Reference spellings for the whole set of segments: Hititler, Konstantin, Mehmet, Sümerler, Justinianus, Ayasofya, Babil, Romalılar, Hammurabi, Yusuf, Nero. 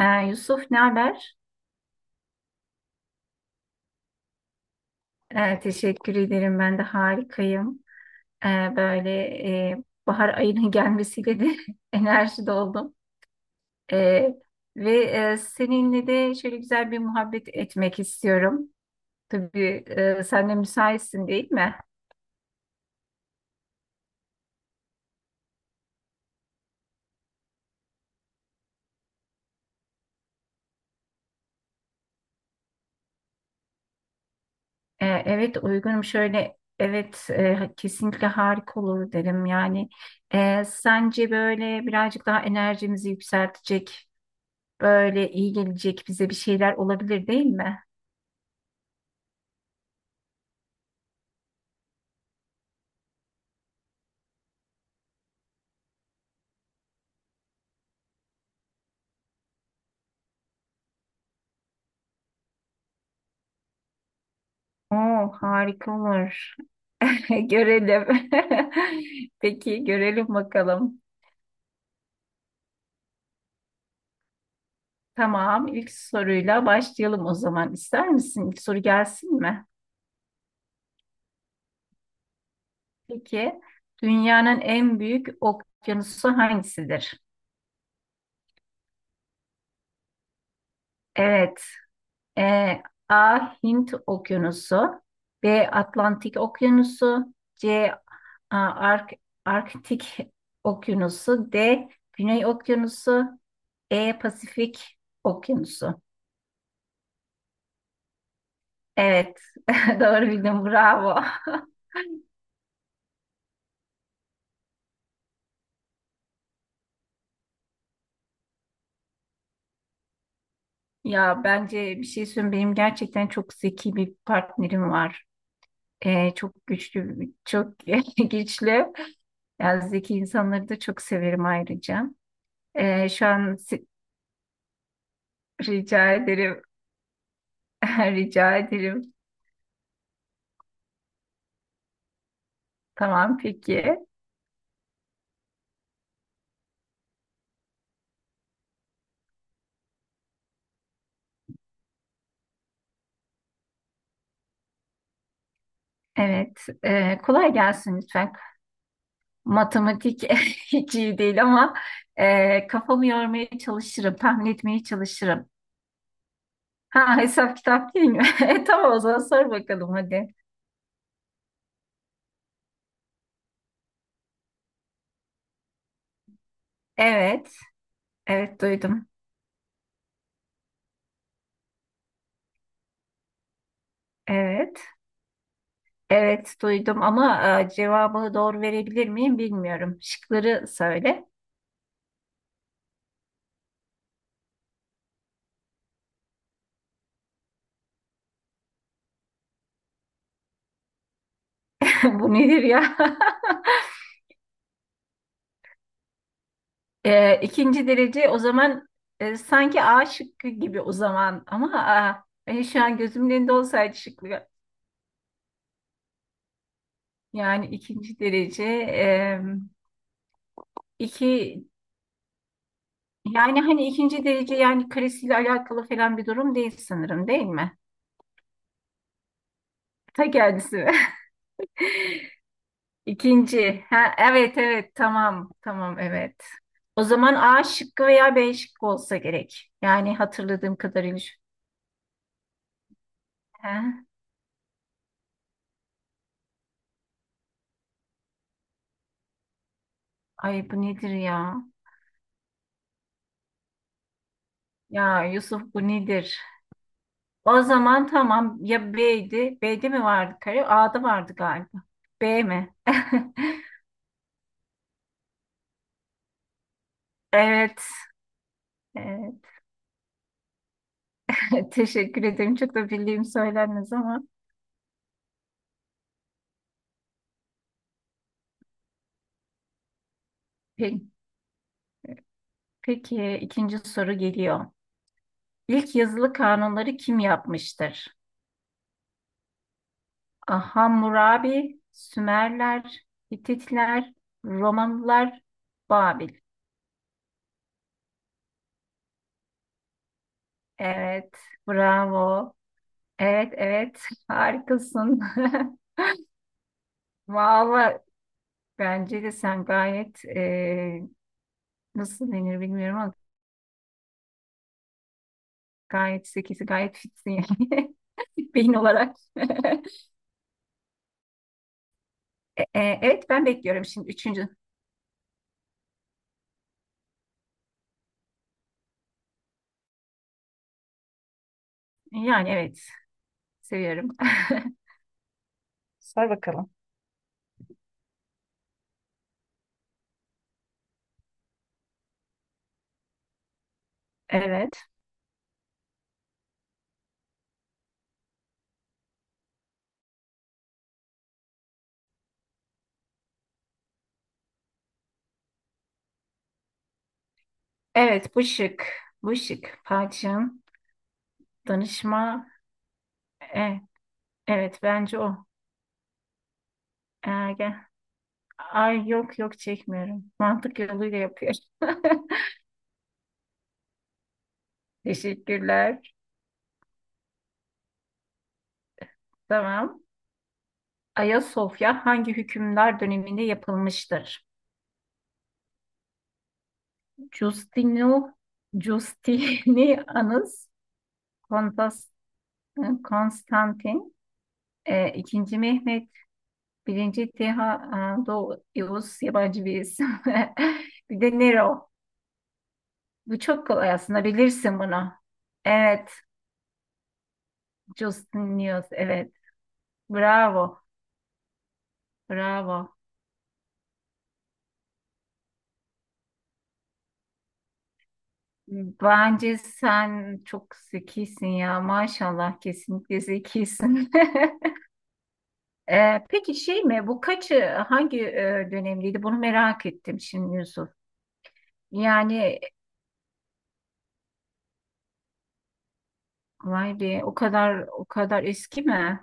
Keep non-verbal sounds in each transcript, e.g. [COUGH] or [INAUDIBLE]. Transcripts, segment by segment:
Ee, Yusuf ne haber? Teşekkür ederim ben de harikayım. Ee, böyle Bahar ayının gelmesiyle de [LAUGHS] enerji doldum. Ee, Seninle de şöyle güzel bir muhabbet etmek istiyorum. Tabii sen de müsaitsin değil mi? Evet uygunum, şöyle evet kesinlikle harika olur derim yani. Sence böyle birazcık daha enerjimizi yükseltecek, böyle iyi gelecek bize bir şeyler olabilir değil mi? Oo, harika olur. [LAUGHS] Görelim. [LAUGHS] Peki görelim bakalım. Tamam, ilk soruyla başlayalım o zaman. İster misin? İlk soru gelsin mi? Peki, dünyanın en büyük okyanusu hangisidir? Evet, e, A. Hint Okyanusu, B. Atlantik Okyanusu, C. A, Ark- Arktik Okyanusu, D. Güney Okyanusu, E. Pasifik Okyanusu. Evet, [LAUGHS] doğru bildim, bravo. [LAUGHS] Ya bence bir şey söyleyeyim, benim gerçekten çok zeki bir partnerim var. Çok güçlü, çok [LAUGHS] güçlü. Yani zeki insanları da çok severim ayrıca. Ee, şu an si- Rica ederim, [LAUGHS] rica ederim. Tamam, peki. Evet, kolay gelsin lütfen. Matematik [LAUGHS] hiç iyi değil ama kafamı yormaya çalışırım, tahmin etmeye çalışırım. Ha, hesap kitap değil mi? [LAUGHS] E, tamam o zaman sor bakalım hadi. Evet. Evet duydum. Evet. Evet duydum ama cevabı doğru verebilir miyim bilmiyorum. Şıkları söyle. [LAUGHS] Bu nedir ya? [LAUGHS] E, ikinci derece o zaman, sanki A şıkkı gibi o zaman, ama A, şu an gözümün önünde olsaydı şıklı. Yani ikinci derece e, iki yani hani ikinci derece, yani karesiyle alakalı falan bir durum değil sanırım, değil mi? Ta kendisi. [LAUGHS] İkinci. Ha, evet evet, tamam tamam, evet. O zaman A şıkkı veya B şıkkı olsa gerek. Yani hatırladığım kadarıyla. He? Ay bu nedir ya? Ya Yusuf, bu nedir? O zaman tamam ya, B'ydi. B'de mi vardı kare? A'da vardı galiba. B mi? [LAUGHS] Evet. Evet. [LAUGHS] Teşekkür ederim. Çok da bildiğim söylenmez ama. Peki, peki ikinci soru geliyor. İlk yazılı kanunları kim yapmıştır? Ah, Hammurabi, Sümerler, Hititler, Romalılar, Babil. Evet, bravo. Evet, evet, [LAUGHS] harikasın. [LAUGHS] Vallahi bence de sen gayet nasıl denir bilmiyorum ama gayet zekisi, gayet fitsin yani [LAUGHS] beyin olarak. [LAUGHS] Evet, ben bekliyorum şimdi üçüncü. Yani evet, seviyorum. [LAUGHS] Sor bakalım. Evet. Evet bu şık. Bu şık. Padişahın danışma. E, evet bence o. Ergen. Ay, yok yok, çekmiyorum. Mantık yoluyla yapıyorum. [LAUGHS] Teşekkürler. Tamam. Ayasofya hangi hükümdar döneminde yapılmıştır? Justino, Justinianus, Kontas, Konstantin, E, ikinci Mehmet, birinci Teha, Doğu Yavuz yabancı bir isim. [LAUGHS] Bir de Nero. Bu çok kolay aslında, bilirsin bunu. Evet, Justin News, evet. Bravo, bravo. Bence sen çok zekisin ya, maşallah, kesinlikle zekisin. [LAUGHS] E, peki şey mi bu kaçı hangi dönemdeydi, bunu merak ettim şimdi Yusuf. Yani vay be, o kadar o kadar eski mi?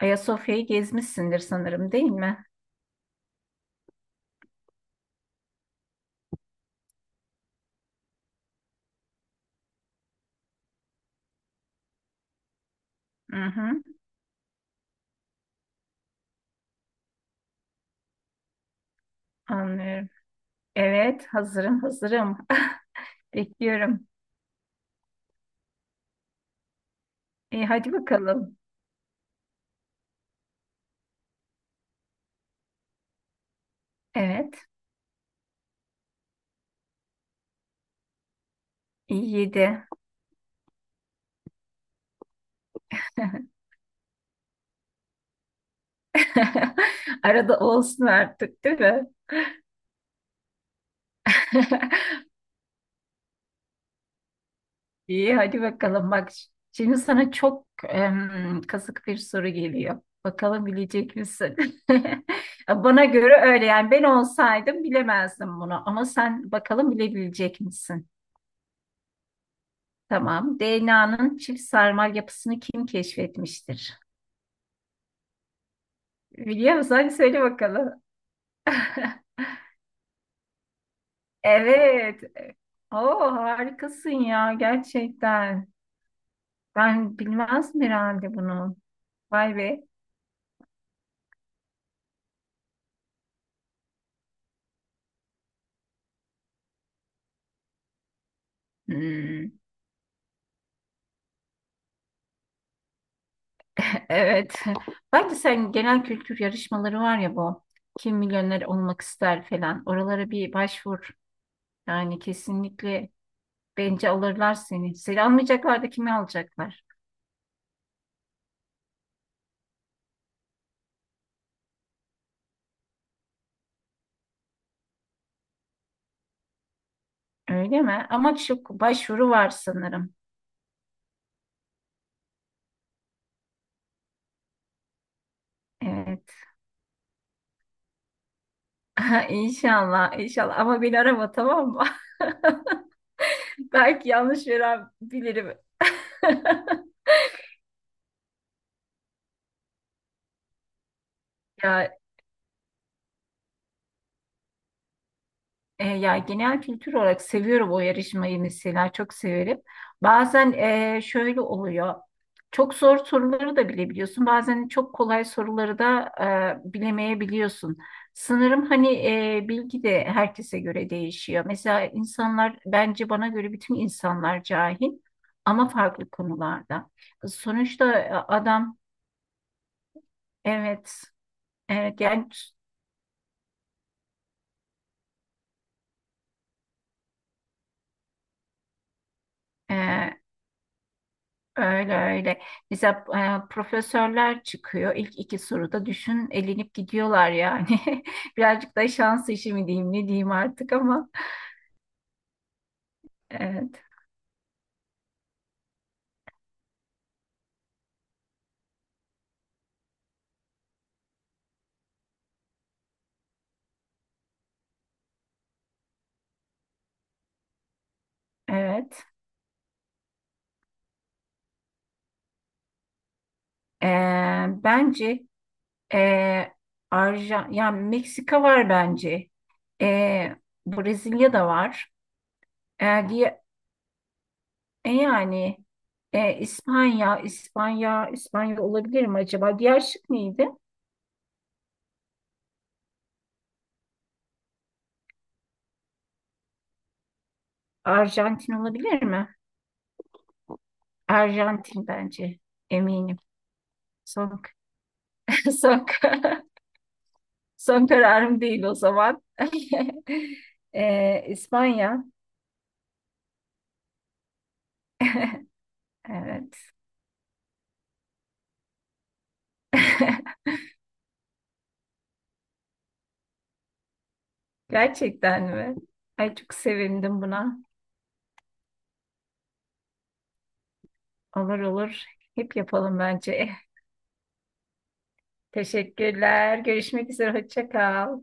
Ayasofya'yı gezmişsindir sanırım değil mi? Hı hı, anlıyorum. Evet, hazırım, hazırım. [LAUGHS] Bekliyorum. E, hadi bakalım. Evet, iyi, yedi. [LAUGHS] Arada olsun artık, değil mi? [LAUGHS] İyi, hadi bakalım. Bak, şimdi sana çok kazık bir soru geliyor. Bakalım bilecek misin? [LAUGHS] Bana göre öyle yani, ben olsaydım bilemezdim bunu, ama sen bakalım bilebilecek misin? Tamam. DNA'nın çift sarmal yapısını kim keşfetmiştir? Biliyor musun? Hadi söyle bakalım. [LAUGHS] Evet. Oo, harikasın ya gerçekten. Ben bilmezdim herhalde bunu. Vay be. Hmm. [LAUGHS] Evet. Bence sen, genel kültür yarışmaları var ya bu. Kim Milyoner Olmak ister falan. Oralara bir başvur. Yani kesinlikle bence alırlar seni. Seni almayacaklar da kimi alacaklar? Öyle mi? Ama çok başvuru var sanırım. Evet. [LAUGHS] İnşallah, inşallah. Ama beni arama, tamam mı? [LAUGHS] Belki yanlış veren bilirim. [LAUGHS] Ya ya, genel kültür olarak seviyorum o yarışmayı, mesela çok severim. Bazen şöyle oluyor. Çok zor soruları da bilebiliyorsun. Bazen çok kolay soruları da bilemeyebiliyorsun. Sanırım hani bilgi de herkese göre değişiyor. Mesela insanlar, bence bana göre bütün insanlar cahil, ama farklı konularda. Sonuçta adam evet evet yani e, öyle öyle. Mesela profesörler çıkıyor. İlk iki soruda düşün elenip gidiyorlar yani. [LAUGHS] Birazcık da şans işi mi diyeyim, ne diyeyim artık ama. Evet. Evet. E, bence e, Arjan, yani Meksika var bence. E, Brezilya da var. E, diye, Yani İspanya olabilir mi acaba? Diğer şık neydi? Arjantin olabilir mi? Arjantin bence. Eminim. Son, [LAUGHS] son, son kararım değil o zaman. [LAUGHS] İspanya. Evet. [LAUGHS] Gerçekten mi? Ay, çok sevindim buna. Olur olur. Hep yapalım bence. Teşekkürler. Görüşmek üzere. Hoşça kal.